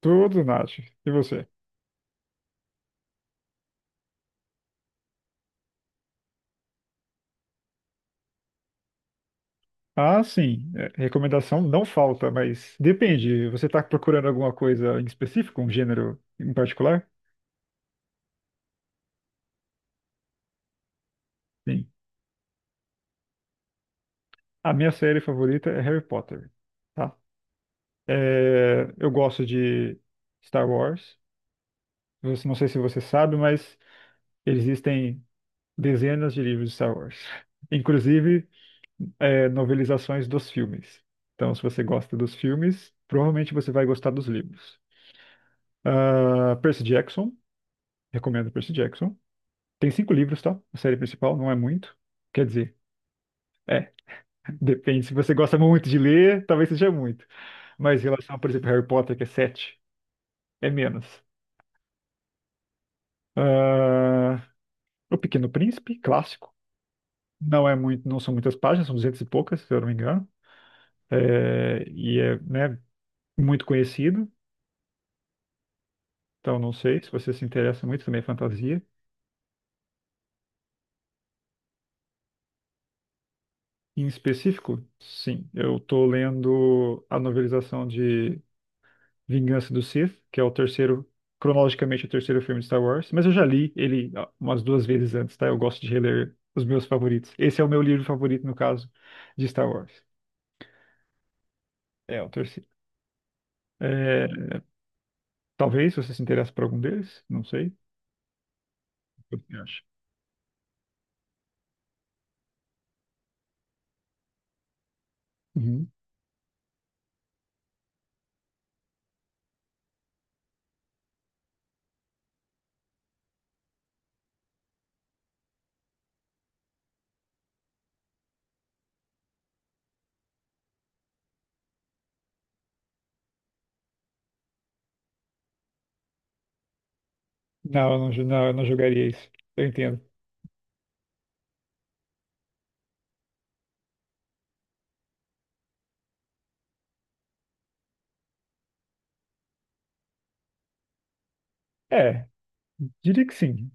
Tudo, Nath. E você? Ah, sim. É, recomendação não falta, mas depende. Você está procurando alguma coisa em específico, um gênero em particular? Sim. A minha série favorita é Harry Potter, tá? É, eu gosto de Star Wars. Não sei se você sabe, mas existem dezenas de livros de Star Wars. Inclusive, novelizações dos filmes. Então, se você gosta dos filmes, provavelmente você vai gostar dos livros. Ah, Percy Jackson. Recomendo Percy Jackson. Tem cinco livros, tá? A série principal não é muito. Quer dizer, é, depende. Se você gosta muito de ler, talvez seja muito. Mas em relação, por exemplo, Harry Potter, que é sete, é menos. Ah, O Pequeno Príncipe, clássico. Não é muito, não são muitas páginas, são duzentas e poucas, se eu não me engano. É, e é, né, muito conhecido. Então, não sei se você se interessa muito também é fantasia. Em específico, sim. Eu tô lendo a novelização de Vingança do Sith, que é o terceiro, cronologicamente o terceiro filme de Star Wars, mas eu já li ele umas duas vezes antes, tá? Eu gosto de reler os meus favoritos. Esse é o meu livro favorito, no caso, de Star Wars. É o terceiro. É, talvez você se interesse por algum deles, não sei. O que você acha? Uhum. Não, eu não, jo- não, eu não jogaria isso. Eu entendo. É, diria que sim.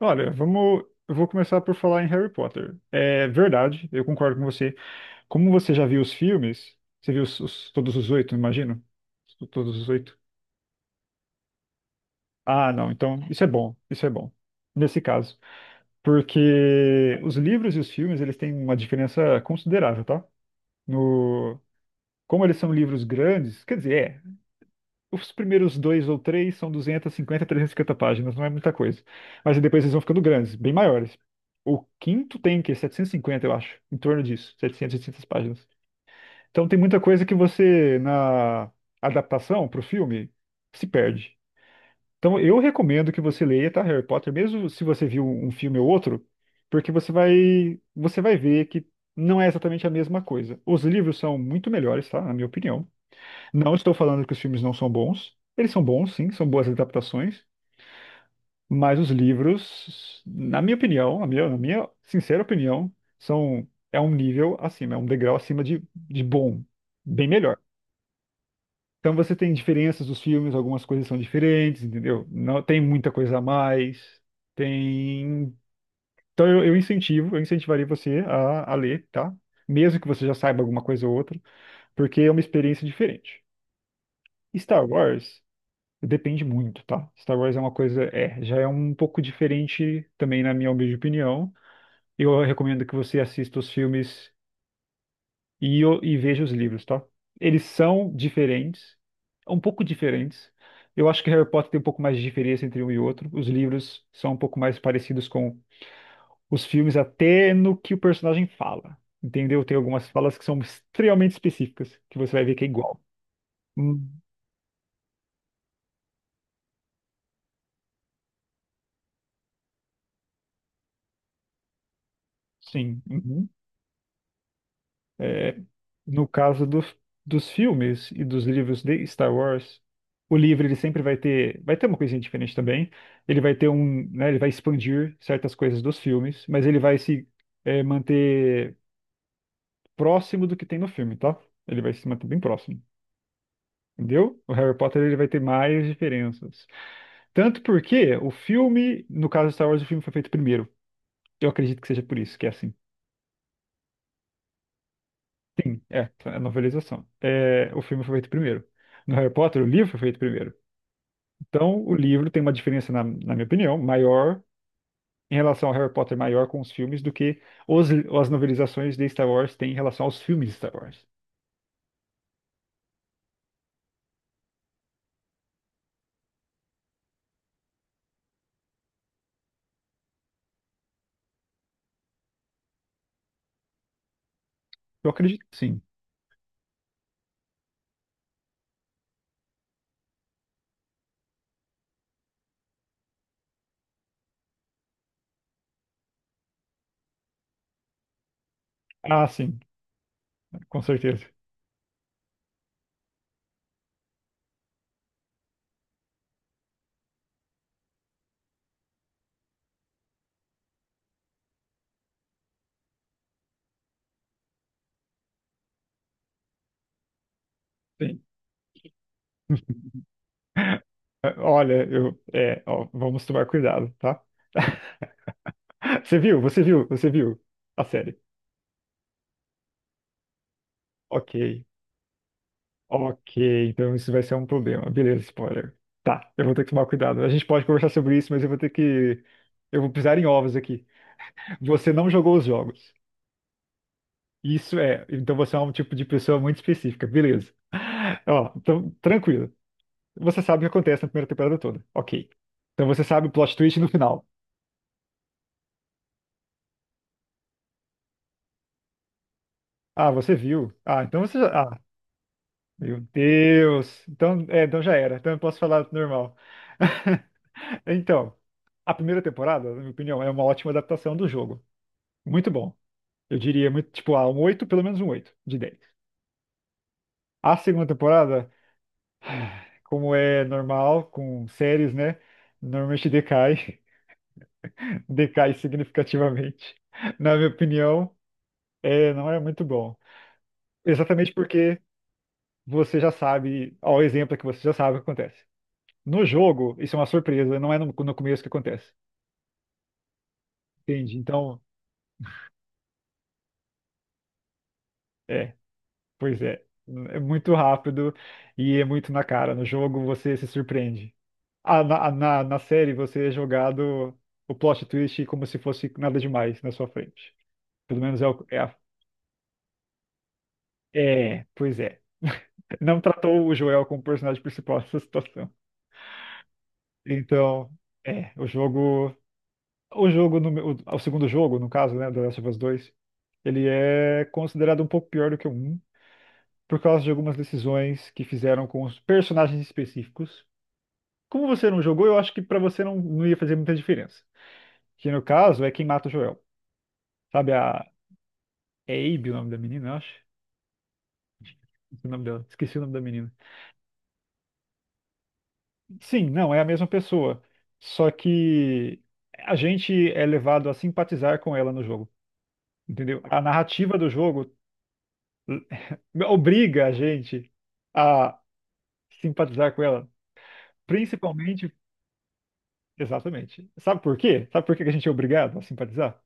Olha, vamos. Eu vou começar por falar em Harry Potter. É verdade, eu concordo com você. Como você já viu os filmes, você viu todos os oito, imagino? Todos os oito. Ah, não, então isso é bom, isso é bom. Nesse caso, porque os livros e os filmes, eles têm uma diferença considerável, tá? No, Como eles são livros grandes, quer dizer, é, os primeiros dois ou três são 250, trezentas e 350 páginas, não é muita coisa. Mas depois eles vão ficando grandes, bem maiores. O quinto tem o quê? 750, eu acho, em torno disso, 700, 800 páginas. Então tem muita coisa que você, na adaptação para o filme, se perde. Então eu recomendo que você leia, tá, Harry Potter, mesmo se você viu um filme ou outro, porque você vai ver que não é exatamente a mesma coisa. Os livros são muito melhores, tá? Na minha opinião. Não estou falando que os filmes não são bons. Eles são bons, sim, são boas adaptações, mas os livros, na minha opinião, na minha sincera opinião, são, é um nível acima, é um degrau acima de bom, bem melhor. Então você tem diferenças dos filmes, algumas coisas são diferentes, entendeu? Não tem muita coisa a mais. Tem. Então eu incentivo, eu incentivaria você a ler, tá? Mesmo que você já saiba alguma coisa ou outra, porque é uma experiência diferente. Star Wars depende muito, tá? Star Wars é uma coisa, já é um pouco diferente também na minha humilde opinião. Eu recomendo que você assista os filmes e veja os livros, tá? Eles são diferentes, um pouco diferentes. Eu acho que Harry Potter tem um pouco mais de diferença entre um e outro. Os livros são um pouco mais parecidos com os filmes, até no que o personagem fala. Entendeu? Tem algumas falas que são extremamente específicas, que você vai ver que é igual. Hum, sim. Uhum. É, no caso dos filmes e dos livros de Star Wars, o livro ele sempre vai ter uma coisinha diferente também. Ele vai ter um, né, ele vai expandir certas coisas dos filmes, mas ele vai se manter próximo do que tem no filme, tá? Ele vai se manter bem próximo. Entendeu? O Harry Potter ele vai ter mais diferenças. Tanto porque o filme, no caso de Star Wars, o filme foi feito primeiro. Eu acredito que seja por isso, que é assim. Sim, é a novelização. É, o filme foi feito primeiro. No Harry Potter, o livro foi feito primeiro. Então, o livro tem uma diferença, na minha opinião, maior em relação ao Harry Potter, maior com os filmes do que as novelizações de Star Wars têm em relação aos filmes de Star Wars. Eu acredito, que sim. Ah, sim, com certeza. Sim. Olha, ó, vamos tomar cuidado, tá? Você viu? Você viu? Você viu a série? Ok, ok. Então isso vai ser um problema. Beleza, spoiler. Tá, eu vou ter que tomar cuidado. A gente pode conversar sobre isso, mas eu vou ter que. Eu vou pisar em ovos aqui. Você não jogou os jogos. Isso é. Então você é um tipo de pessoa muito específica. Beleza. Ó, então, tranquilo. Você sabe o que acontece na primeira temporada toda. Ok. Então você sabe o plot twist no final. Ah, você viu. Ah, então você já. Ah, meu Deus. Então, então já era. Então eu posso falar normal. Então, a primeira temporada, na minha opinião, é uma ótima adaptação do jogo. Muito bom. Eu diria muito, tipo, um 8, pelo menos um 8 de 10. A segunda temporada. Como é normal com séries, né? Normalmente decai, decai significativamente. Na minha opinião, não é muito bom. Exatamente porque você já sabe, ao exemplo é que você já sabe o que acontece. No jogo, isso é uma surpresa, não é no começo que acontece. Entende? Então, é, pois é. É muito rápido e é muito na cara. No jogo você se surpreende. Ah, na série você é jogado o plot twist como se fosse nada demais na sua frente. Pelo menos é, pois é. Não tratou o Joel como personagem principal dessa situação. Então, é, o jogo, o jogo no, meu- o segundo jogo, no caso, né, The Last of Us 2 ele é considerado um pouco pior do que o um por causa de algumas decisões que fizeram com os personagens específicos. Como você não jogou, eu acho que pra você não, não ia fazer muita diferença. Que no caso é quem mata o Joel. Sabe a é Abby o nome da menina, eu acho. Esqueci o nome dela. Esqueci o nome da menina. Sim, não, é a mesma pessoa. Só que a gente é levado a simpatizar com ela no jogo, entendeu? A narrativa do jogo eh, obriga a gente a simpatizar com ela, principalmente, exatamente. Sabe por quê? Sabe por que que a gente é obrigado a simpatizar?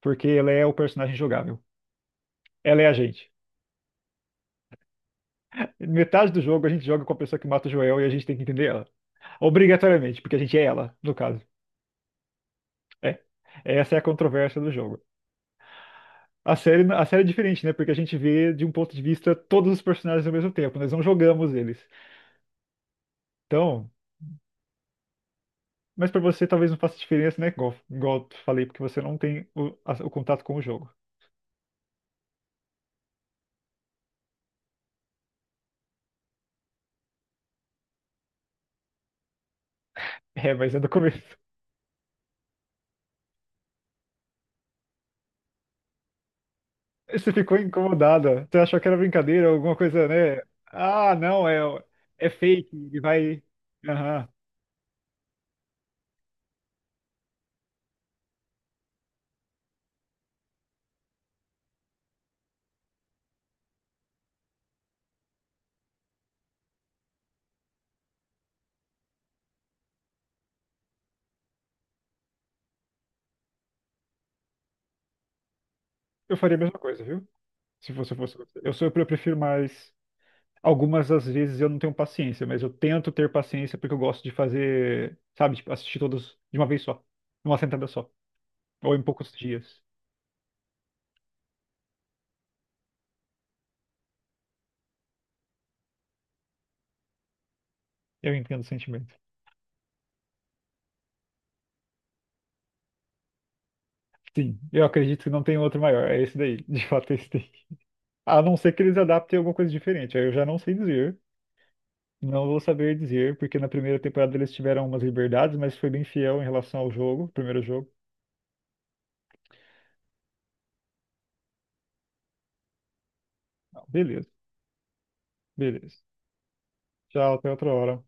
Porque ela é o personagem jogável. Ela é a gente. Metade do jogo a gente joga com a pessoa que mata o Joel e a gente tem que entender ela. Obrigatoriamente, porque a gente é ela, no caso. É. Essa é a controvérsia do jogo. A série é diferente, né? Porque a gente vê de um ponto de vista todos os personagens ao mesmo tempo, nós não jogamos eles. Então, mas pra você talvez não faça diferença, né? Igual eu falei, porque você não tem o contato com o jogo. É, mas é do começo. Você ficou incomodada. Você achou que era brincadeira, alguma coisa, né? Ah, não, é fake, ele vai. Aham. Eu faria a mesma coisa, viu? Se você fosse você. Eu prefiro mais. Algumas das vezes eu não tenho paciência, mas eu tento ter paciência porque eu gosto de fazer, sabe, tipo, assistir todos de uma vez só, numa sentada só, ou em poucos dias. Eu entendo o sentimento. Sim, eu acredito que não tem outro maior, é esse daí, de fato é esse daí. A não ser que eles adaptem alguma coisa diferente, aí eu já não sei dizer, não vou saber dizer, porque na primeira temporada eles tiveram umas liberdades, mas foi bem fiel em relação ao jogo, primeiro jogo. Não, beleza, beleza. Tchau, até outra hora.